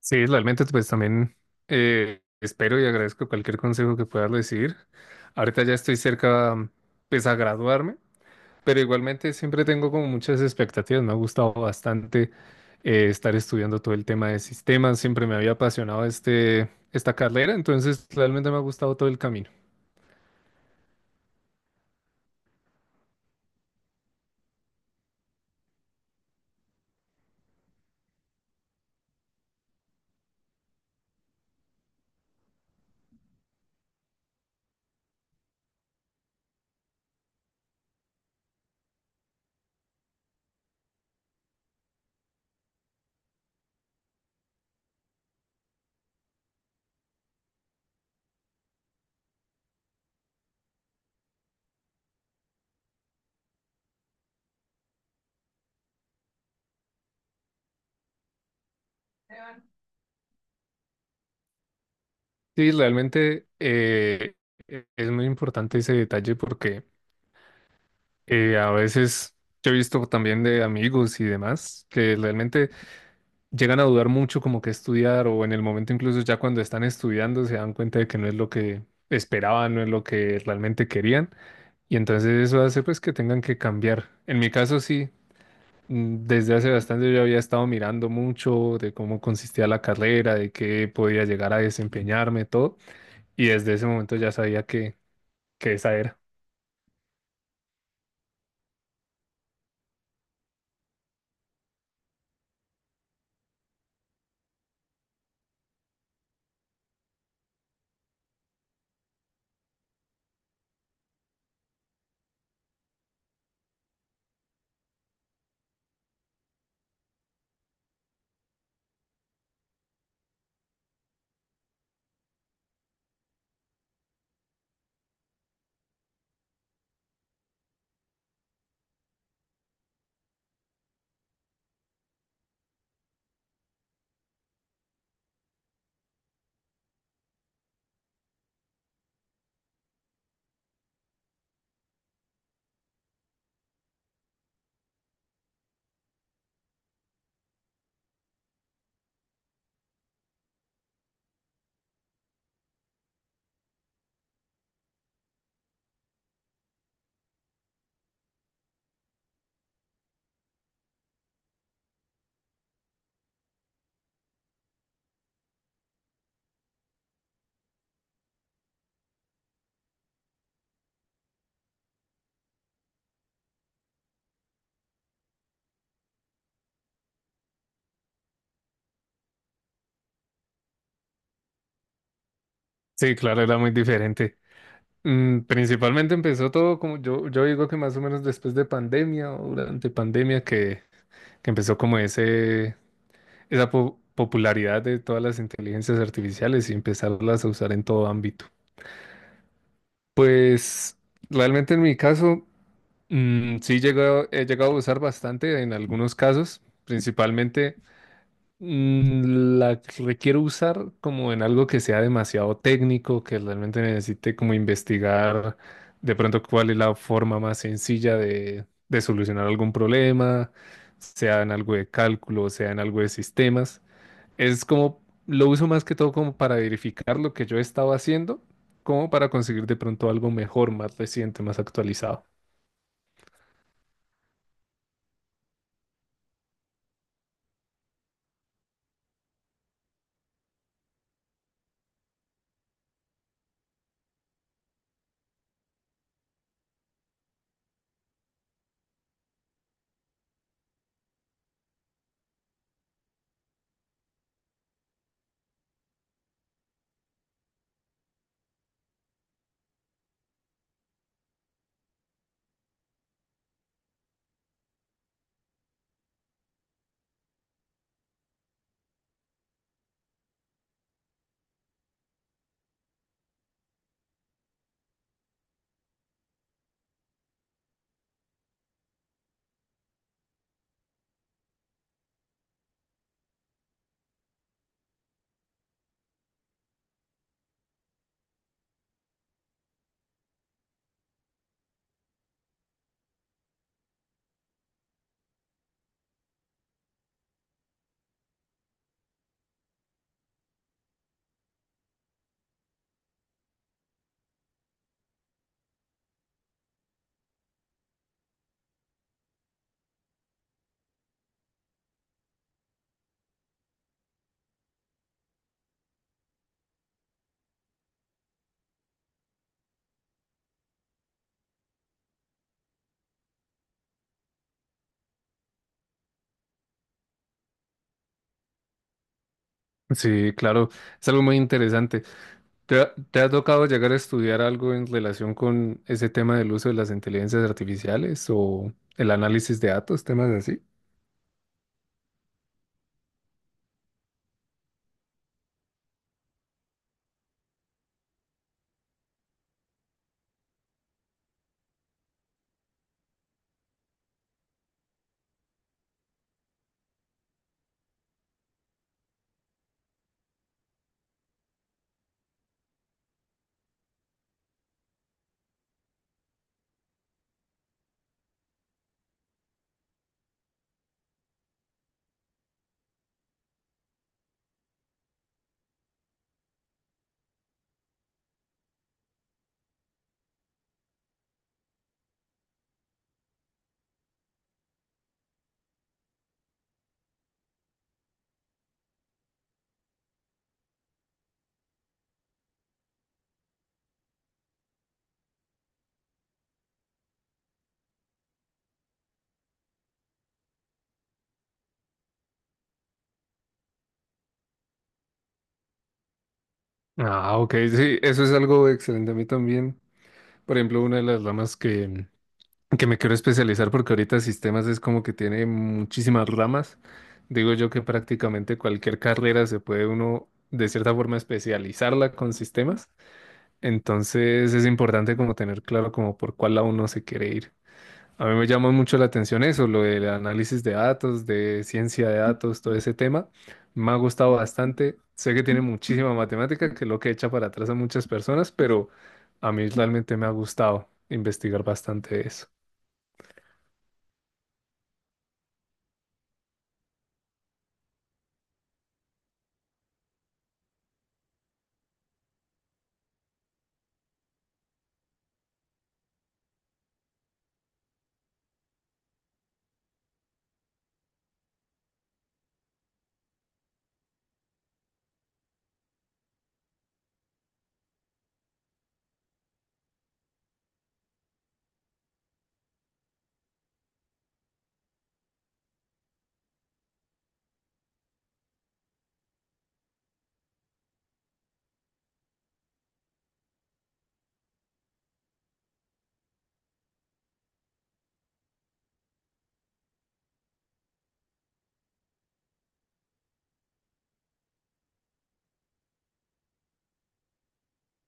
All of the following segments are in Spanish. Sí, realmente pues también espero y agradezco cualquier consejo que puedas decir. Ahorita ya estoy cerca pues a graduarme, pero igualmente siempre tengo como muchas expectativas. Me ha gustado bastante estar estudiando todo el tema de sistemas. Siempre me había apasionado este, esta carrera, entonces realmente me ha gustado todo el camino. Sí, realmente es muy importante ese detalle porque a veces yo he visto también de amigos y demás que realmente llegan a dudar mucho como que estudiar o en el momento incluso ya cuando están estudiando se dan cuenta de que no es lo que esperaban, no es lo que realmente querían, y entonces eso hace pues que tengan que cambiar. En mi caso sí, desde hace bastante yo había estado mirando mucho de cómo consistía la carrera, de qué podía llegar a desempeñarme, todo, y desde ese momento ya sabía que esa era. Sí, claro, era muy diferente. Principalmente empezó todo como yo digo que más o menos después de pandemia o durante pandemia que empezó como ese, esa popularidad de todas las inteligencias artificiales y empezarlas a usar en todo ámbito. Pues realmente en mi caso, he llegado a usar bastante en algunos casos, principalmente la que requiero usar como en algo que sea demasiado técnico, que realmente necesite como investigar de pronto cuál es la forma más sencilla de solucionar algún problema, sea en algo de cálculo, sea en algo de sistemas. Es como, lo uso más que todo como para verificar lo que yo estaba haciendo, como para conseguir de pronto algo mejor, más reciente, más actualizado. Sí, claro, es algo muy interesante. Te ha tocado llegar a estudiar algo en relación con ese tema del uso de las inteligencias artificiales o el análisis de datos, temas así? Ah, ok, sí, eso es algo excelente a mí también. Por ejemplo, una de las ramas que me quiero especializar, porque ahorita sistemas es como que tiene muchísimas ramas. Digo yo que prácticamente cualquier carrera se puede uno de cierta forma especializarla con sistemas. Entonces es importante como tener claro como por cuál lado uno se quiere ir. A mí me llama mucho la atención eso, lo del análisis de datos, de ciencia de datos, todo ese tema. Me ha gustado bastante. Sé que tiene muchísima matemática, que es lo que echa para atrás a muchas personas, pero a mí realmente me ha gustado investigar bastante eso.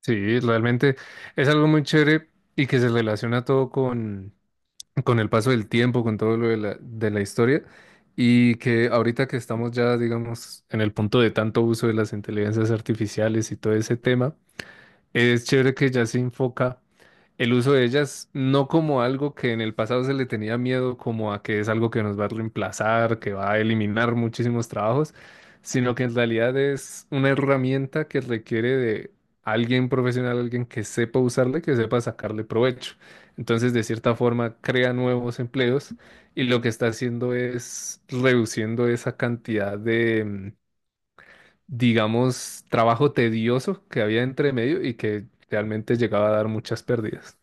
Sí, realmente es algo muy chévere y que se relaciona todo con el paso del tiempo, con todo lo de la historia, y que ahorita que estamos ya, digamos, en el punto de tanto uso de las inteligencias artificiales y todo ese tema. Es chévere que ya se enfoca el uso de ellas no como algo que en el pasado se le tenía miedo, como a que es algo que nos va a reemplazar, que va a eliminar muchísimos trabajos, sino que en realidad es una herramienta que requiere de alguien profesional, alguien que sepa usarla y que sepa sacarle provecho. Entonces, de cierta forma, crea nuevos empleos y lo que está haciendo es reduciendo esa cantidad de digamos, trabajo tedioso que había entre medio y que realmente llegaba a dar muchas pérdidas.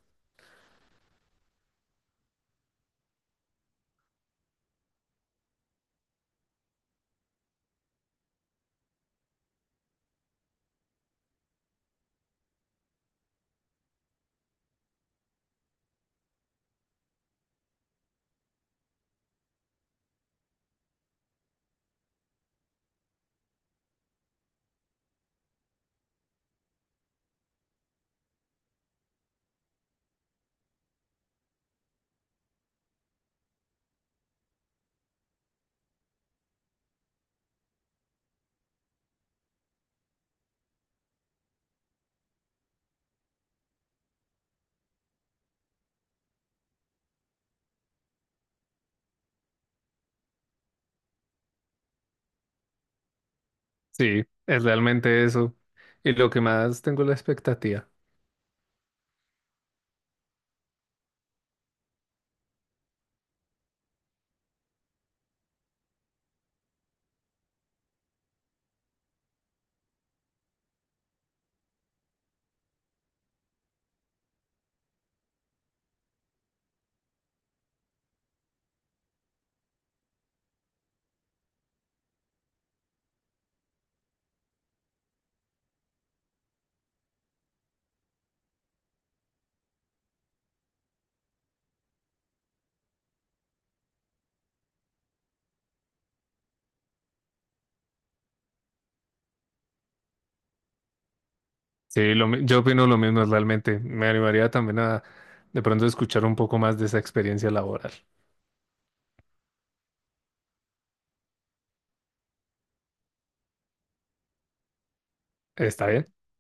Sí, es realmente eso. Y lo que más tengo es la expectativa. Sí, yo opino lo mismo, realmente. Me animaría también a de pronto escuchar un poco más de esa experiencia laboral. ¿Está bien?